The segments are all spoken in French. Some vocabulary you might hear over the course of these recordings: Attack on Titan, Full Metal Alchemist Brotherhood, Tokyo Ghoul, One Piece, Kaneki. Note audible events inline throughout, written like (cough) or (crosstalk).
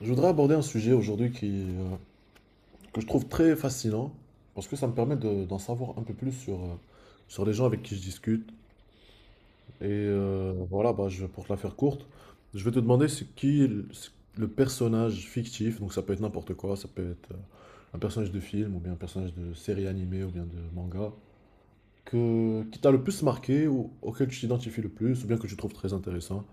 Je voudrais aborder un sujet aujourd'hui qui que je trouve très fascinant parce que ça me permet d'en savoir un peu plus sur, sur les gens avec qui je discute. Pour te la faire courte, je vais te demander c'est le personnage fictif. Donc ça peut être n'importe quoi, ça peut être un personnage de film ou bien un personnage de série animée ou bien de manga, qui t'a le plus marqué ou auquel tu t'identifies le plus ou bien que tu trouves très intéressant.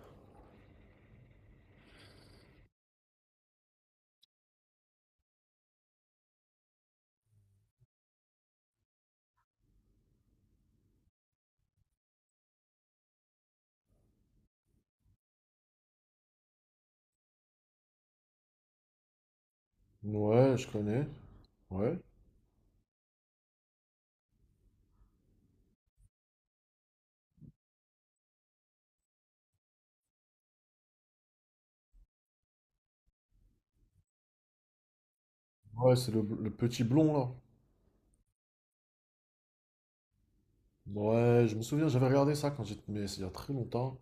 Ouais, je connais. Ouais. Ouais, c'est le petit blond là. Ouais, je me souviens, j'avais regardé ça quand j'étais, mais c'est il y a très longtemps.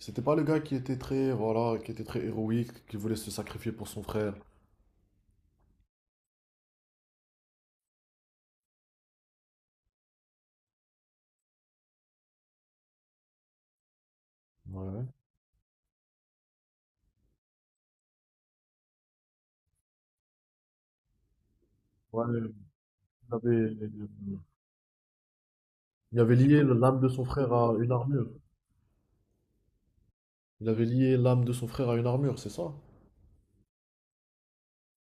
C'était pas le gars qui était très, voilà, qui était très héroïque, qui voulait se sacrifier pour son frère. Ouais. Ouais, il avait, il avait lié l'âme de son frère à une armure. Il avait lié l'âme de son frère à une armure, c'est ça?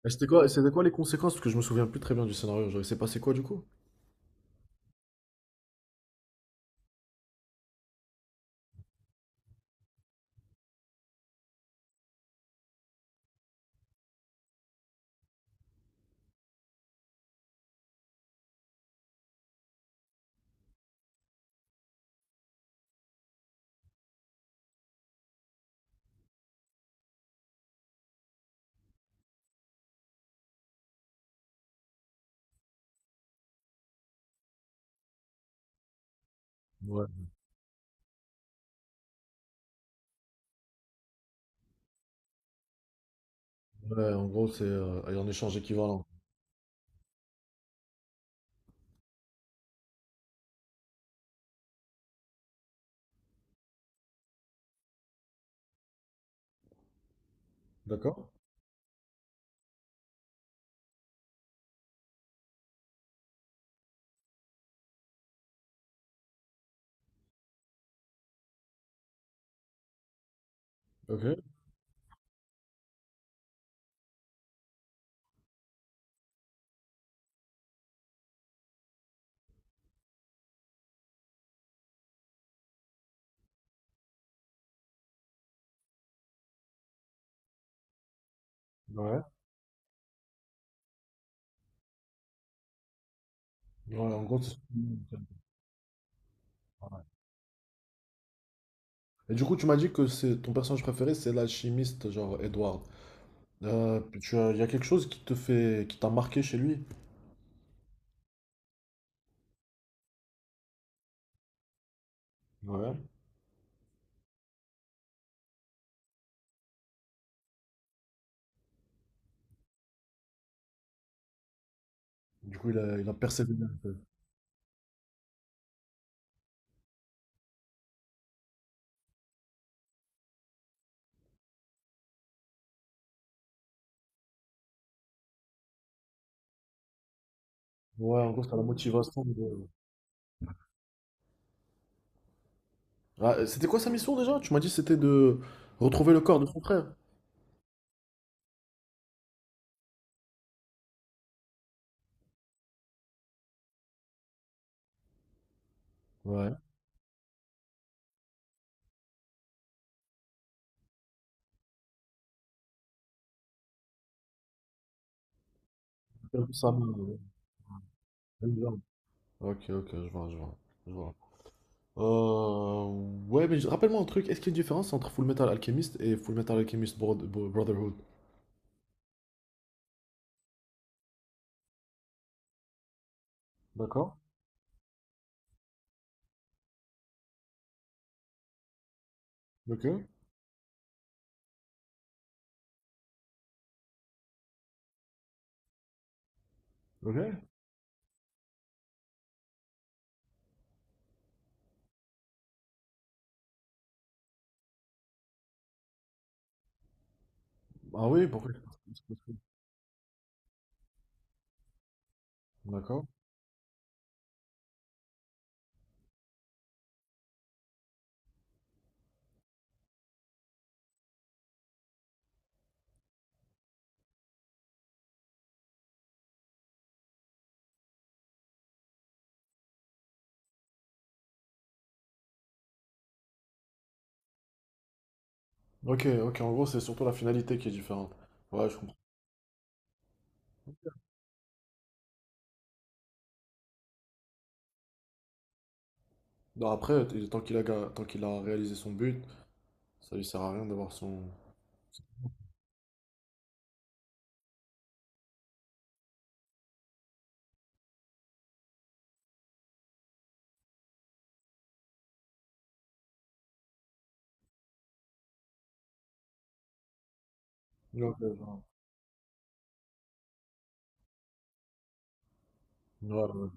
Et c'était quoi les conséquences? Parce que je me souviens plus très bien du scénario. Genre, il s'est passé quoi du coup? Ouais. Ouais, en gros, c'est un échange équivalent. D'accord? Ok. Ouais. Ouais, en gros, c'est... Et du coup, tu m'as dit que c'est ton personnage préféré, c'est l'alchimiste, genre Edward. Il y a quelque chose qui te fait, qui t'a marqué chez lui. Ouais. Du coup, il a persévéré un peu. Ouais, en gros, c'était la motivation. De- Ah, c'était quoi sa mission déjà? Tu m'as dit que c'était de retrouver le corps de son frère. Ouais. C'était un peu ça, mais, une jambe. Ok, ok, je vois, je vois. Euh, ouais, mais rappelle-moi un truc. Est-ce qu'il y a une différence entre Full Metal Alchemist et Full Metal Alchemist Brotherhood? D'accord. Ok. Ok. Ah oui, pourquoi? D'accord. Ok, ok, en gros, c'est surtout la finalité qui est différente. Ouais, je comprends. Non, après, tant qu'il a, tant qu'il a réalisé son but, ça lui sert à rien d'avoir son. Ouais, ouais, ouais. Ouais, ouais.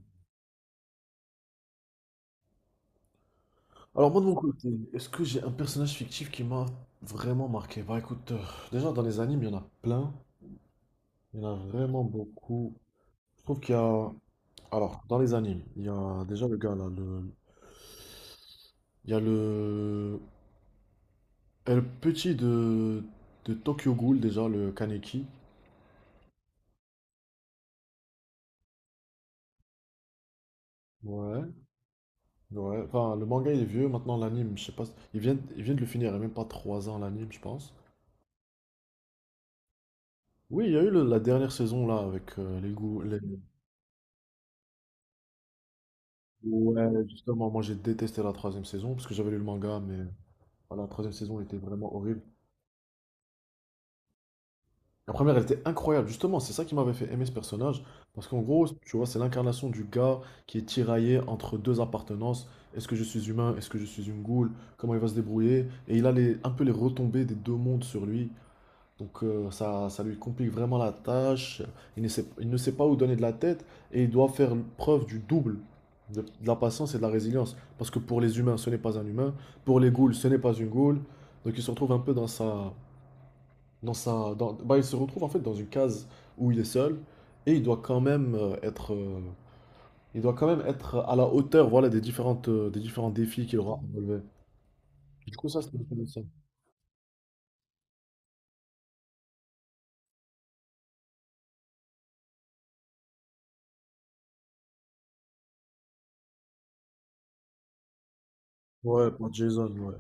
Alors, moi de mon côté, est-ce que j'ai un personnage fictif qui m'a vraiment marqué? Bah écoute, déjà dans les animes, il y en a plein. Il y en a vraiment beaucoup. Je trouve qu'il y a. Alors, dans les animes, il y a déjà le gars là, le. Il y a le. Et le petit de. De Tokyo Ghoul, déjà, le Kaneki. Ouais. Ouais, enfin, le manga il est vieux, maintenant l'anime, je sais pas, ils viennent de le finir, il y a même pas 3 ans l'anime, je pense. Oui, il y a eu la dernière saison là avec les goûts. Les- Ouais, justement, moi j'ai détesté la troisième saison parce que j'avais lu le manga, mais voilà, la troisième saison elle était vraiment horrible. La première elle était incroyable, justement, c'est ça qui m'avait fait aimer ce personnage parce qu'en gros, tu vois, c'est l'incarnation du gars qui est tiraillé entre deux appartenances. Est-ce que je suis humain? Est-ce que je suis une goule? Comment il va se débrouiller? Et il a les, un peu les retombées des deux mondes sur lui. Donc ça, ça lui complique vraiment la tâche. Il ne sait pas où donner de la tête et il doit faire preuve du double de la patience et de la résilience. Parce que pour les humains, ce n'est pas un humain. Pour les ghouls, ce n'est pas une ghoul. Donc il se retrouve un peu dans sa... Il se retrouve en fait dans une case où il est seul et il doit quand même être... il doit quand même être à la hauteur, voilà, des différentes, des différents défis qu'il aura à relever. Du coup, ça, c'est intéressant. Ouais, pour Jason, ouais.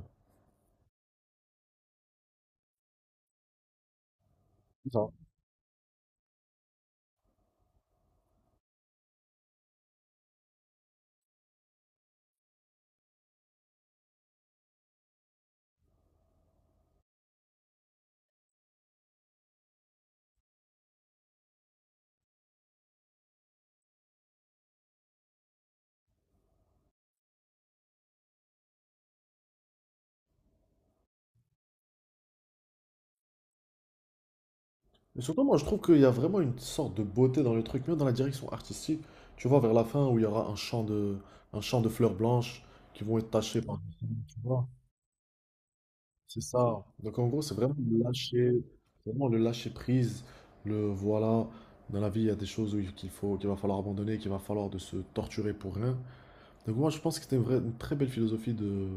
Mais surtout, moi, je trouve qu'il y a vraiment une sorte de beauté dans le truc, même dans la direction artistique. Tu vois, vers la fin, où il y aura un champ de fleurs blanches qui vont être tachées par... Tu vois, c'est ça. Donc, en gros, c'est vraiment le lâcher prise. Le voilà, dans la vie, il y a des choses où il- qu'il faut, qu'il va falloir abandonner, qu'il va falloir de se torturer pour rien. Donc, moi, je pense que c'était une très belle philosophie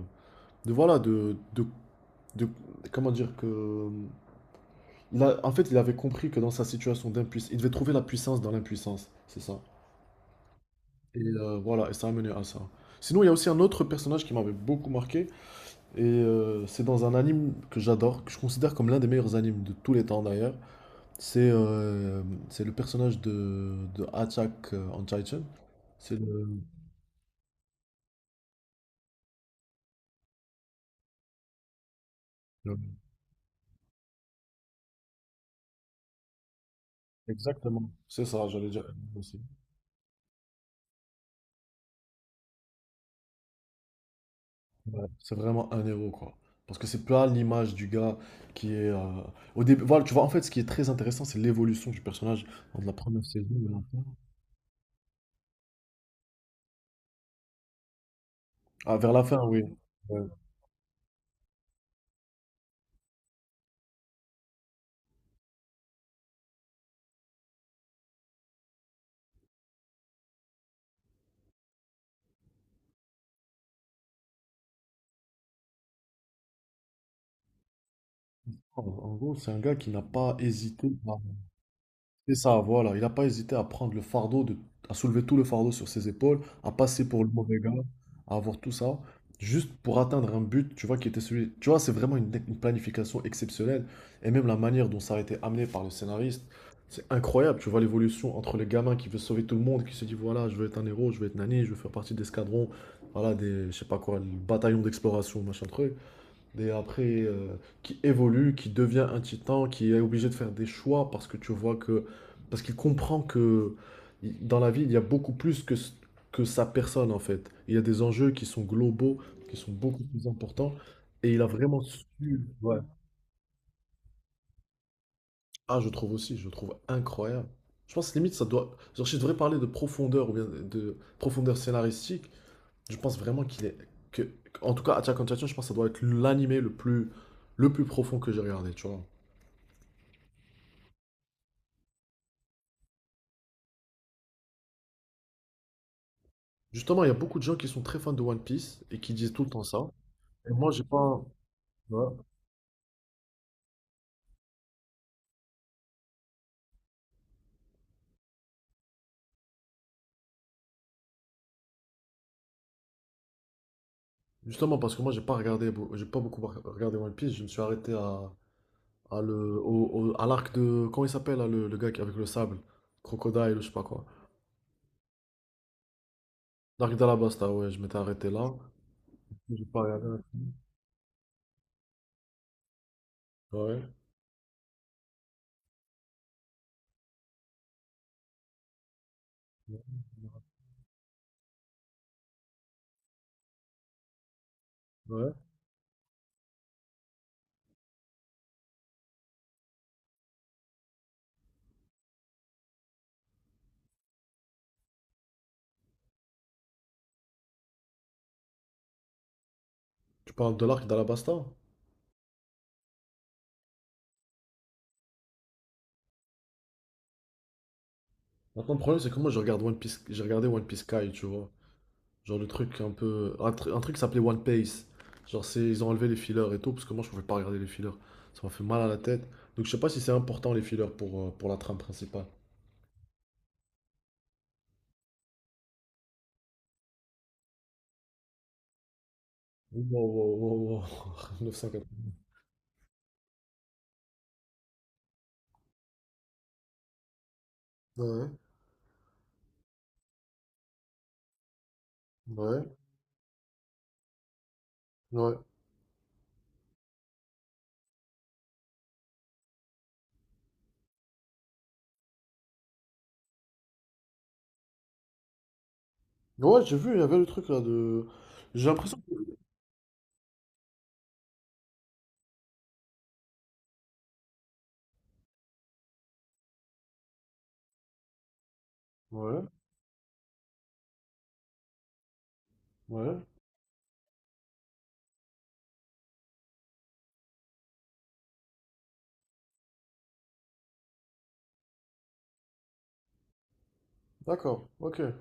de voilà, de- comment dire que Il en fait, il avait compris que dans sa situation d'impuissance, il devait trouver la puissance dans l'impuissance, c'est ça. Et voilà, et ça a mené à ça. Sinon, il y a aussi un autre personnage qui m'avait beaucoup marqué, et c'est dans un anime que j'adore, que je considère comme l'un des meilleurs animes de tous les temps d'ailleurs. C'est euh, c'est le personnage de Attack on Titan. C'est le- Exactement. C'est ça, j'allais dire aussi. Ouais, c'est vraiment un héros, quoi. Parce que c'est pas l'image du gars qui est. Au début, voilà, tu vois, en fait, ce qui est très intéressant, c'est l'évolution du personnage entre la première saison et la fin. Ah, vers la fin, oui. Ouais. En en gros, c'est un gars qui n'a pas hésité. C'est ça, voilà. Il n'a pas hésité à prendre le fardeau, de, à soulever tout le fardeau sur ses épaules, à passer pour le mauvais gars, à avoir tout ça, juste pour atteindre un but, tu vois, qui était celui. Tu vois, c'est vraiment une planification exceptionnelle. Et même la manière dont ça a été amené par le scénariste, c'est incroyable. Tu vois l'évolution entre les gamins qui veut sauver tout le monde, qui se dit, voilà, je veux être un héros, je veux être nani, je veux faire partie d'escadrons, voilà, des, je sais pas quoi, le bataillon d'exploration, machin truc. Et après, qui évolue, qui devient un titan, qui est obligé de faire des choix parce que tu vois que. Parce qu'il comprend que dans la vie, il y a beaucoup plus que sa personne en fait. Il y a des enjeux qui sont globaux, qui sont beaucoup plus importants. Et il a vraiment su. Ouais. Ah, je trouve aussi, je trouve incroyable. Je pense limite, ça doit. Genre, si je devrais parler de profondeur ou bien de profondeur scénaristique, je pense vraiment qu'il est. Que... En tout cas, Attack on Titan, je pense que ça doit être l'animé le plus profond que j'ai regardé, tu vois. Justement, il y a beaucoup de gens qui sont très fans de One Piece et qui disent tout le temps ça. Et moi, j'ai pas. Ouais. Justement, parce que moi, j'ai pas regardé, j'ai pas beaucoup regardé One Piece. Je me suis arrêté à le, à l'arc de. Comment il s'appelle, là, le gars avec le sable? Crocodile ou je sais pas quoi. L'arc d'Alabasta, ouais, je m'étais arrêté là. J'ai pas regardé. Ouais. Ouais. Tu parles de l'arc d'Alabasta? Maintenant, le problème, c'est que moi, je regarde One Piece, j'ai regardé One Piece Sky, tu vois. Genre le truc un peu. Un truc qui s'appelait One Piece. Genre c'est ils ont enlevé les fillers et tout, parce que moi je pouvais pas regarder les fillers. Ça m'a fait mal à la tête. Donc je sais pas si c'est important les fillers pour la trame principale. Wow, wow. (laughs) 980. Ouais, ouais, ouais. Ouais, j'ai vu, il y avait le truc là de. J'ai l'impression que. Ouais, ouais. D'accord, ok.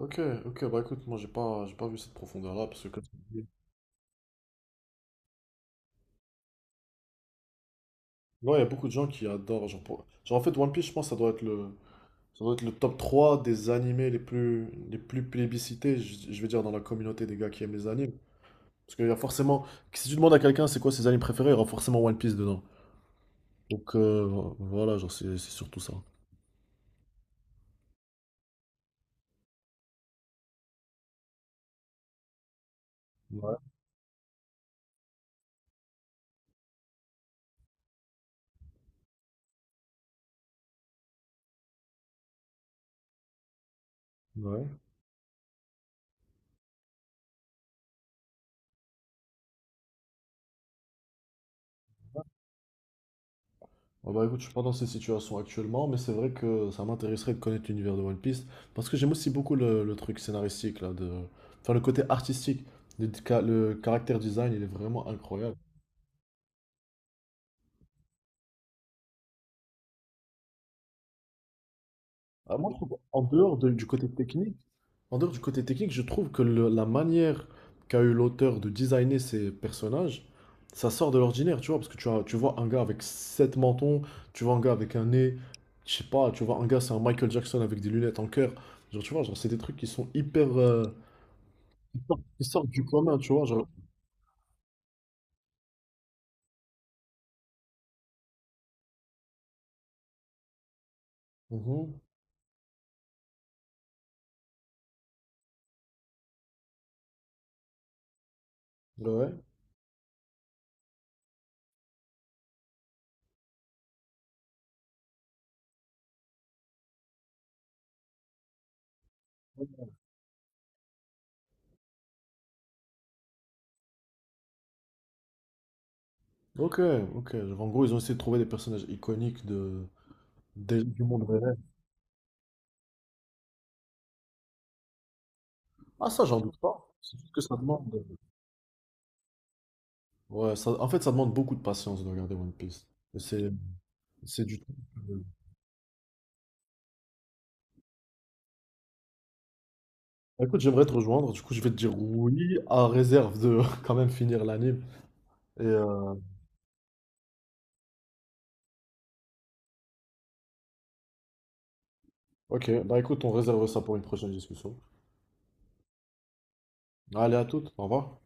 Ok, ok, bah écoute, moi j'ai pas vu cette profondeur là, parce que comme tu dis- Ouais, il y a beaucoup de gens qui adorent. Genre, genre, en fait, One Piece, je pense, ça doit être le. Ça doit être le top 3 des animés les plus plébiscités, je vais dire, dans la communauté des gars qui aiment les animes. Parce qu'il y a forcément. Si tu demandes à quelqu'un c'est quoi ses animes préférés, il y aura forcément One Piece dedans. Donc voilà, genre c'est surtout ça. Ouais, ouais. Ah bah écoute, je suis pas dans ces situations actuellement, mais c'est vrai que ça m'intéresserait de connaître l'univers de One Piece. Parce que j'aime aussi beaucoup le truc scénaristique, là, de. Enfin, le côté artistique. Le caractère design, il est vraiment incroyable. Ah, moi, je trouve, en dehors du côté technique, en dehors du côté technique, je trouve que la manière qu'a eu l'auteur de designer ses personnages, ça sort de l'ordinaire, tu vois, parce que tu vois un gars avec sept mentons, tu vois un gars avec un nez, je sais pas, tu vois un gars c'est un Michael Jackson avec des lunettes en cœur, genre tu vois, genre c'est des trucs qui sont hyper, qui sortent du commun, tu vois, genre. Mhm. Ouais. Ok, ok. Genre, en gros, ils ont essayé de trouver des personnages iconiques de, du monde réel. Ah ça, j'en doute pas. C'est juste que ça demande. Ouais, ça, en fait, ça demande beaucoup de patience de regarder One Piece. Et c'est du tout. Bah, écoute, j'aimerais te rejoindre. Du coup, je vais te dire oui, à réserve de (laughs) quand même finir l'anime. Et ok, bah écoute, on réserve ça pour une prochaine discussion. Allez, à toutes. Au revoir.